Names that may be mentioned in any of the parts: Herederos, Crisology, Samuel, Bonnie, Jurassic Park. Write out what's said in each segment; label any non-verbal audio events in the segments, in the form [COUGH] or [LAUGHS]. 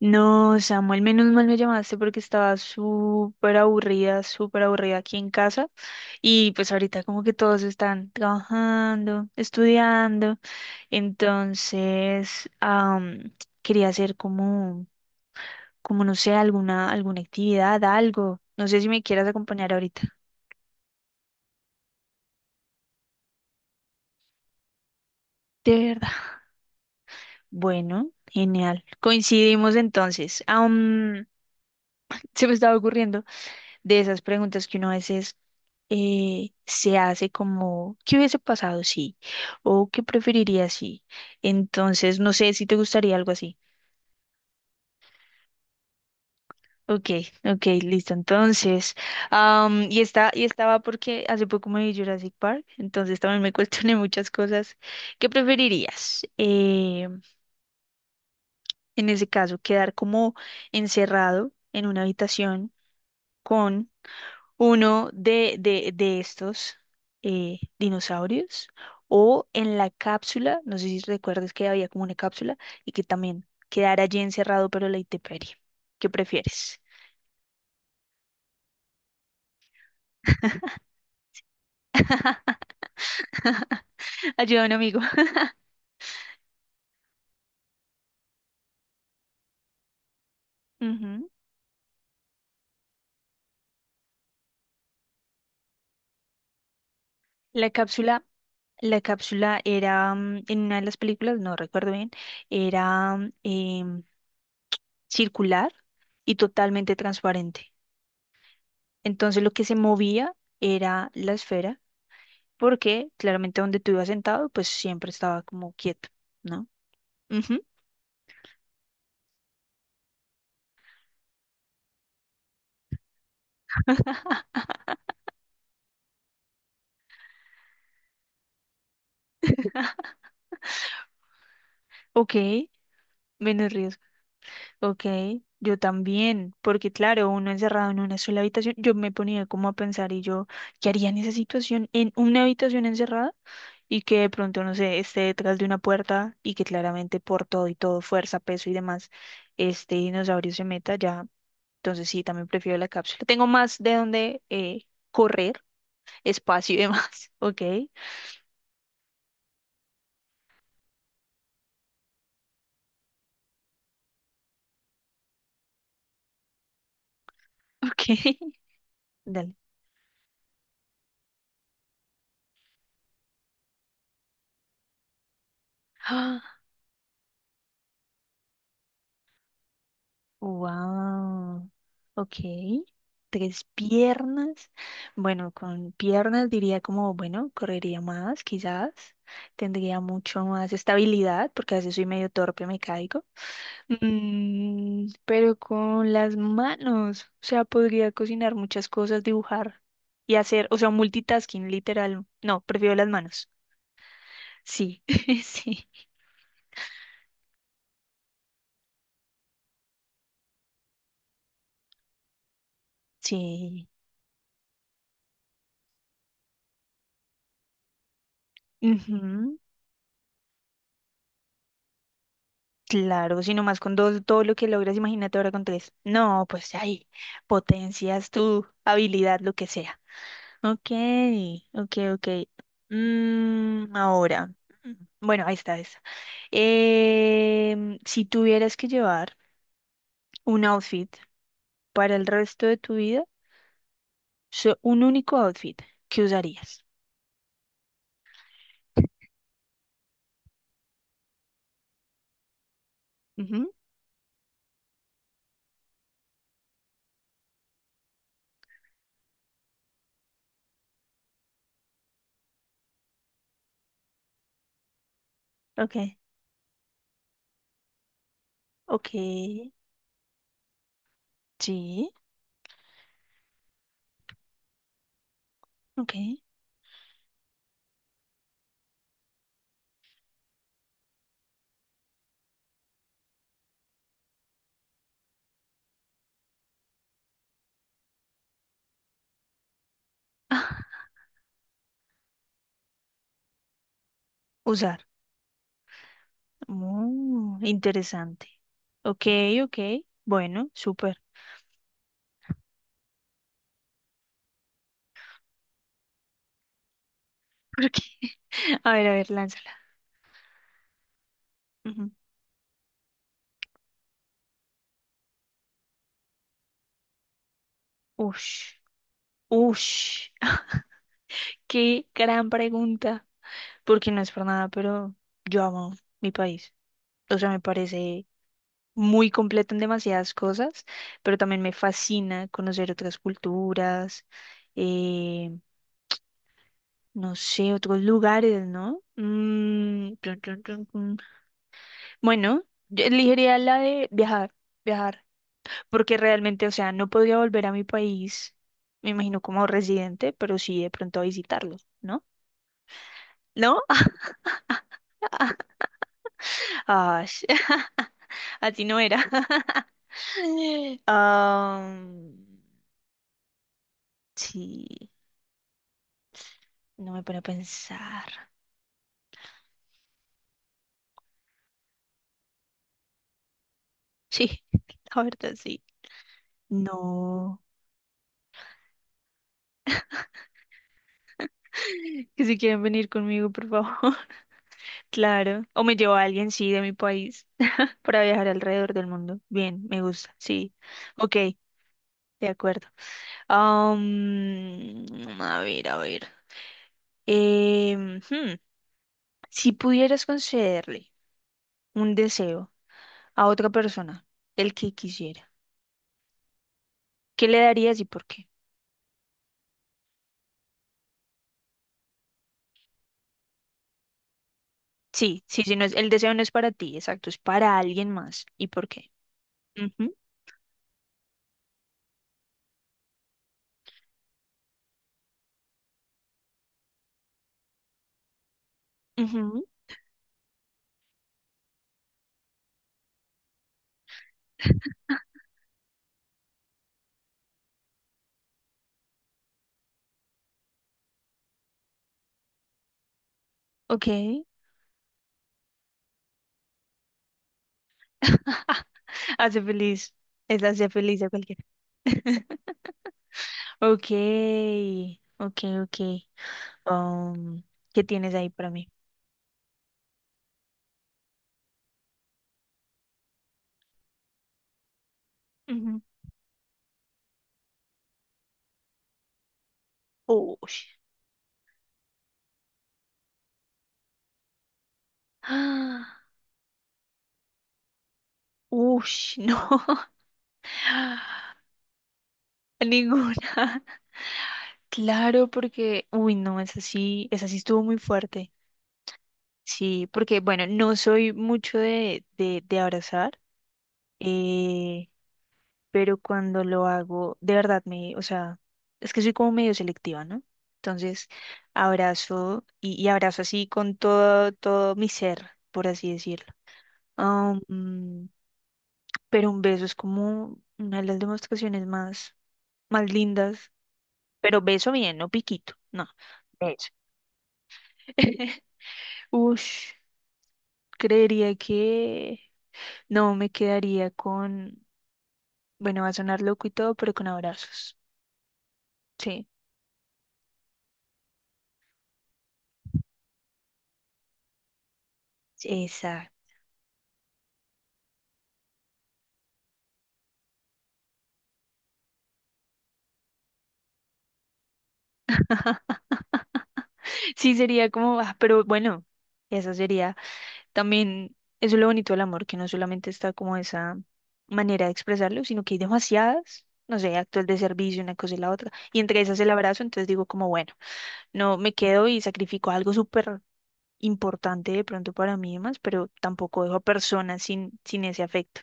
No, Samuel, menos mal me llamaste porque estaba súper aburrida aquí en casa. Y pues ahorita como que todos están trabajando, estudiando. Entonces, quería hacer como, como no sé, alguna actividad, algo. No sé si me quieras acompañar ahorita. De verdad. Bueno, genial. Coincidimos entonces. Se me estaba ocurriendo de esas preguntas que uno a veces, se hace como, ¿qué hubiese pasado si? ¿O qué preferiría si? Entonces, no sé si te gustaría algo así. Ok, ok, listo. Entonces, y estaba porque hace poco me vi Jurassic Park, entonces también me [LAUGHS] cuestioné muchas cosas. ¿Qué preferirías? En ese caso, quedar como encerrado en una habitación con uno de estos dinosaurios, o en la cápsula, no sé si recuerdas que había como una cápsula y que también quedara allí encerrado pero a la intemperie. ¿Qué prefieres? [LAUGHS] Ayuda a un amigo. [LAUGHS] Ujú. La cápsula, la cápsula era en una de las películas, no recuerdo bien, era circular y totalmente transparente. Entonces lo que se movía era la esfera, porque claramente donde tú ibas sentado, pues siempre estaba como quieto, ¿no? Ujú. Ok, menos riesgo. Ok, yo también, porque claro, uno encerrado en una sola habitación, yo me ponía como a pensar y yo, ¿qué haría en esa situación? En una habitación encerrada y que de pronto, no sé, esté detrás de una puerta y que claramente por todo y todo, fuerza, peso y demás, este dinosaurio se meta ya. Entonces sí, también prefiero la cápsula. Tengo más de dónde, correr, espacio y demás. [LAUGHS] Ok, ok. Dale. Wow. Ok. Tres piernas. Bueno, con piernas diría como, bueno, correría más, quizás. Tendría mucho más estabilidad, porque a veces soy medio torpe, me caigo. Pero con las manos, o sea, podría cocinar muchas cosas, dibujar y hacer, o sea, multitasking, literal. No, prefiero las manos. Sí, [LAUGHS] sí, sí. Ujú. Claro, si más con dos, todo lo que logras, imagínate ahora con tres. No, pues ahí potencias tu habilidad, lo que sea. Ok, ok, ok. Ahora, [CLEARS THROAT] bueno, ahí está esa. Si tuvieras que llevar un outfit para el resto de tu vida, un único outfit, ¿qué usarías? Ujú. Ok, ok, sí, ok. [LAUGHS] Usar. Oh, interesante. Ok, ok. Bueno, súper. [LAUGHS] Porque, a ver, lánzala. Ujú. Ush, ush. [LAUGHS] Qué gran pregunta. Porque no es por nada, pero yo amo mi país. O sea, me parece muy completo en demasiadas cosas, pero también me fascina conocer otras culturas, eh, no sé, otros lugares, ¿no? Mm, tun, tun, tun, tun. Bueno, yo elegiría la de viajar, viajar, porque realmente, o sea, no podría volver a mi país, me imagino como residente, pero sí de pronto a visitarlo, ¿no? ¿No? [LAUGHS] Ah, [LAUGHS] a ti no era. [LAUGHS] Am, sí, no me pone a pensar. Sí, [LAUGHS] la verdad sí. No. [LAUGHS] Que si quieren venir conmigo, por favor. [LAUGHS] Claro. O me llevo a alguien, sí, de mi país, [LAUGHS] para viajar alrededor del mundo. Bien, me gusta, sí. Ok, de acuerdo. Am, a ver, a ver. Em, hmm, Si pudieras concederle un deseo a otra persona, el que quisiera, ¿qué le darías y por qué? Sí, sí, sí, no es, el deseo no es para ti, exacto, es para alguien más. ¿Y por qué? Ujú, ujú. Ok. [LAUGHS] Hace feliz. Es hace feliz a cualquiera. [LAUGHS] Ok, ok, ok. Am, ¿Qué tienes ahí para mí? Ush. Ah, ush, no. [LAUGHS] Ninguna. Claro, porque, uy, no, esa sí estuvo muy fuerte. Sí, porque, bueno, no soy mucho de abrazar, eh, pero cuando lo hago, de verdad me, o sea, es que soy como medio selectiva, ¿no? Entonces, abrazo y abrazo así con todo, todo mi ser, por así decirlo. Ah, pero un beso es como una de las demostraciones más, más lindas, pero beso bien, no piquito, no, beso. [LAUGHS] Ush, creería que no me quedaría con, bueno, va a sonar loco y todo, pero con abrazos. Sí, exacto. Sí sería como, ah, pero bueno, eso sería también, eso es lo bonito del amor, que no solamente está como esa manera de expresarlo, sino que hay demasiadas. No sé, actos de servicio, una cosa y la otra. Y entre esas el abrazo, entonces digo como, bueno, no me quedo y sacrifico algo súper importante de pronto para mí y demás, pero tampoco dejo a personas sin ese afecto.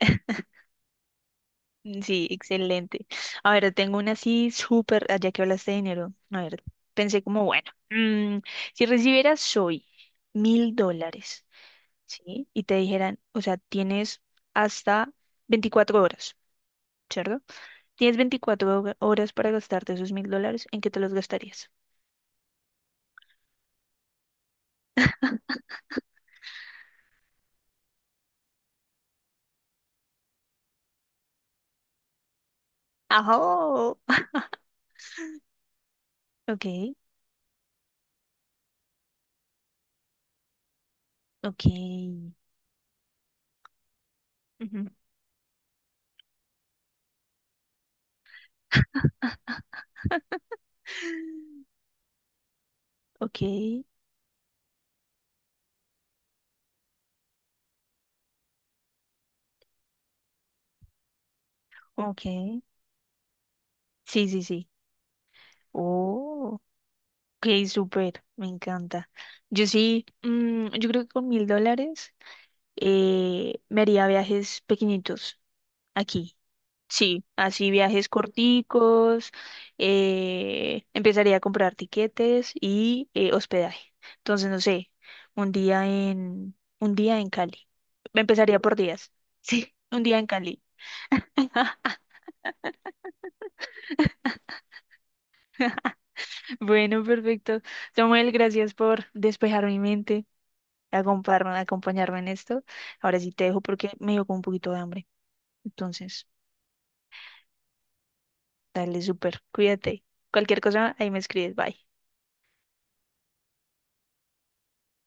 [LAUGHS] Sí, excelente. A ver, tengo una así súper, ah, ya que hablaste de dinero, a ver, pensé como, bueno, si recibieras hoy $1000, ¿sí? Y te dijeran, o sea, tienes hasta 24 horas, ¿cierto? Tienes horas para gastarte esos $1000, ¿en qué te los gastarías? ¡Ajo! [LAUGHS] Ok, ok, ujú. [LAUGHS] Ok, ok. Sí, sí, sí. Oh, ok, súper. Me encanta. Yo sí, yo creo que con $1000, me haría viajes pequeñitos aquí. Sí, así viajes corticos. Empezaría a comprar tiquetes y, hospedaje. Entonces, no sé, un día en Cali. Empezaría por días. [LAUGHS] Sí, un día en Cali. Bueno, perfecto. Samuel, gracias por despejar mi mente, acompañarme, acompañarme en esto. Ahora sí te dejo porque me dio como un poquito de hambre. Entonces, dale súper, cuídate. Cualquier cosa, ahí me escribes, bye.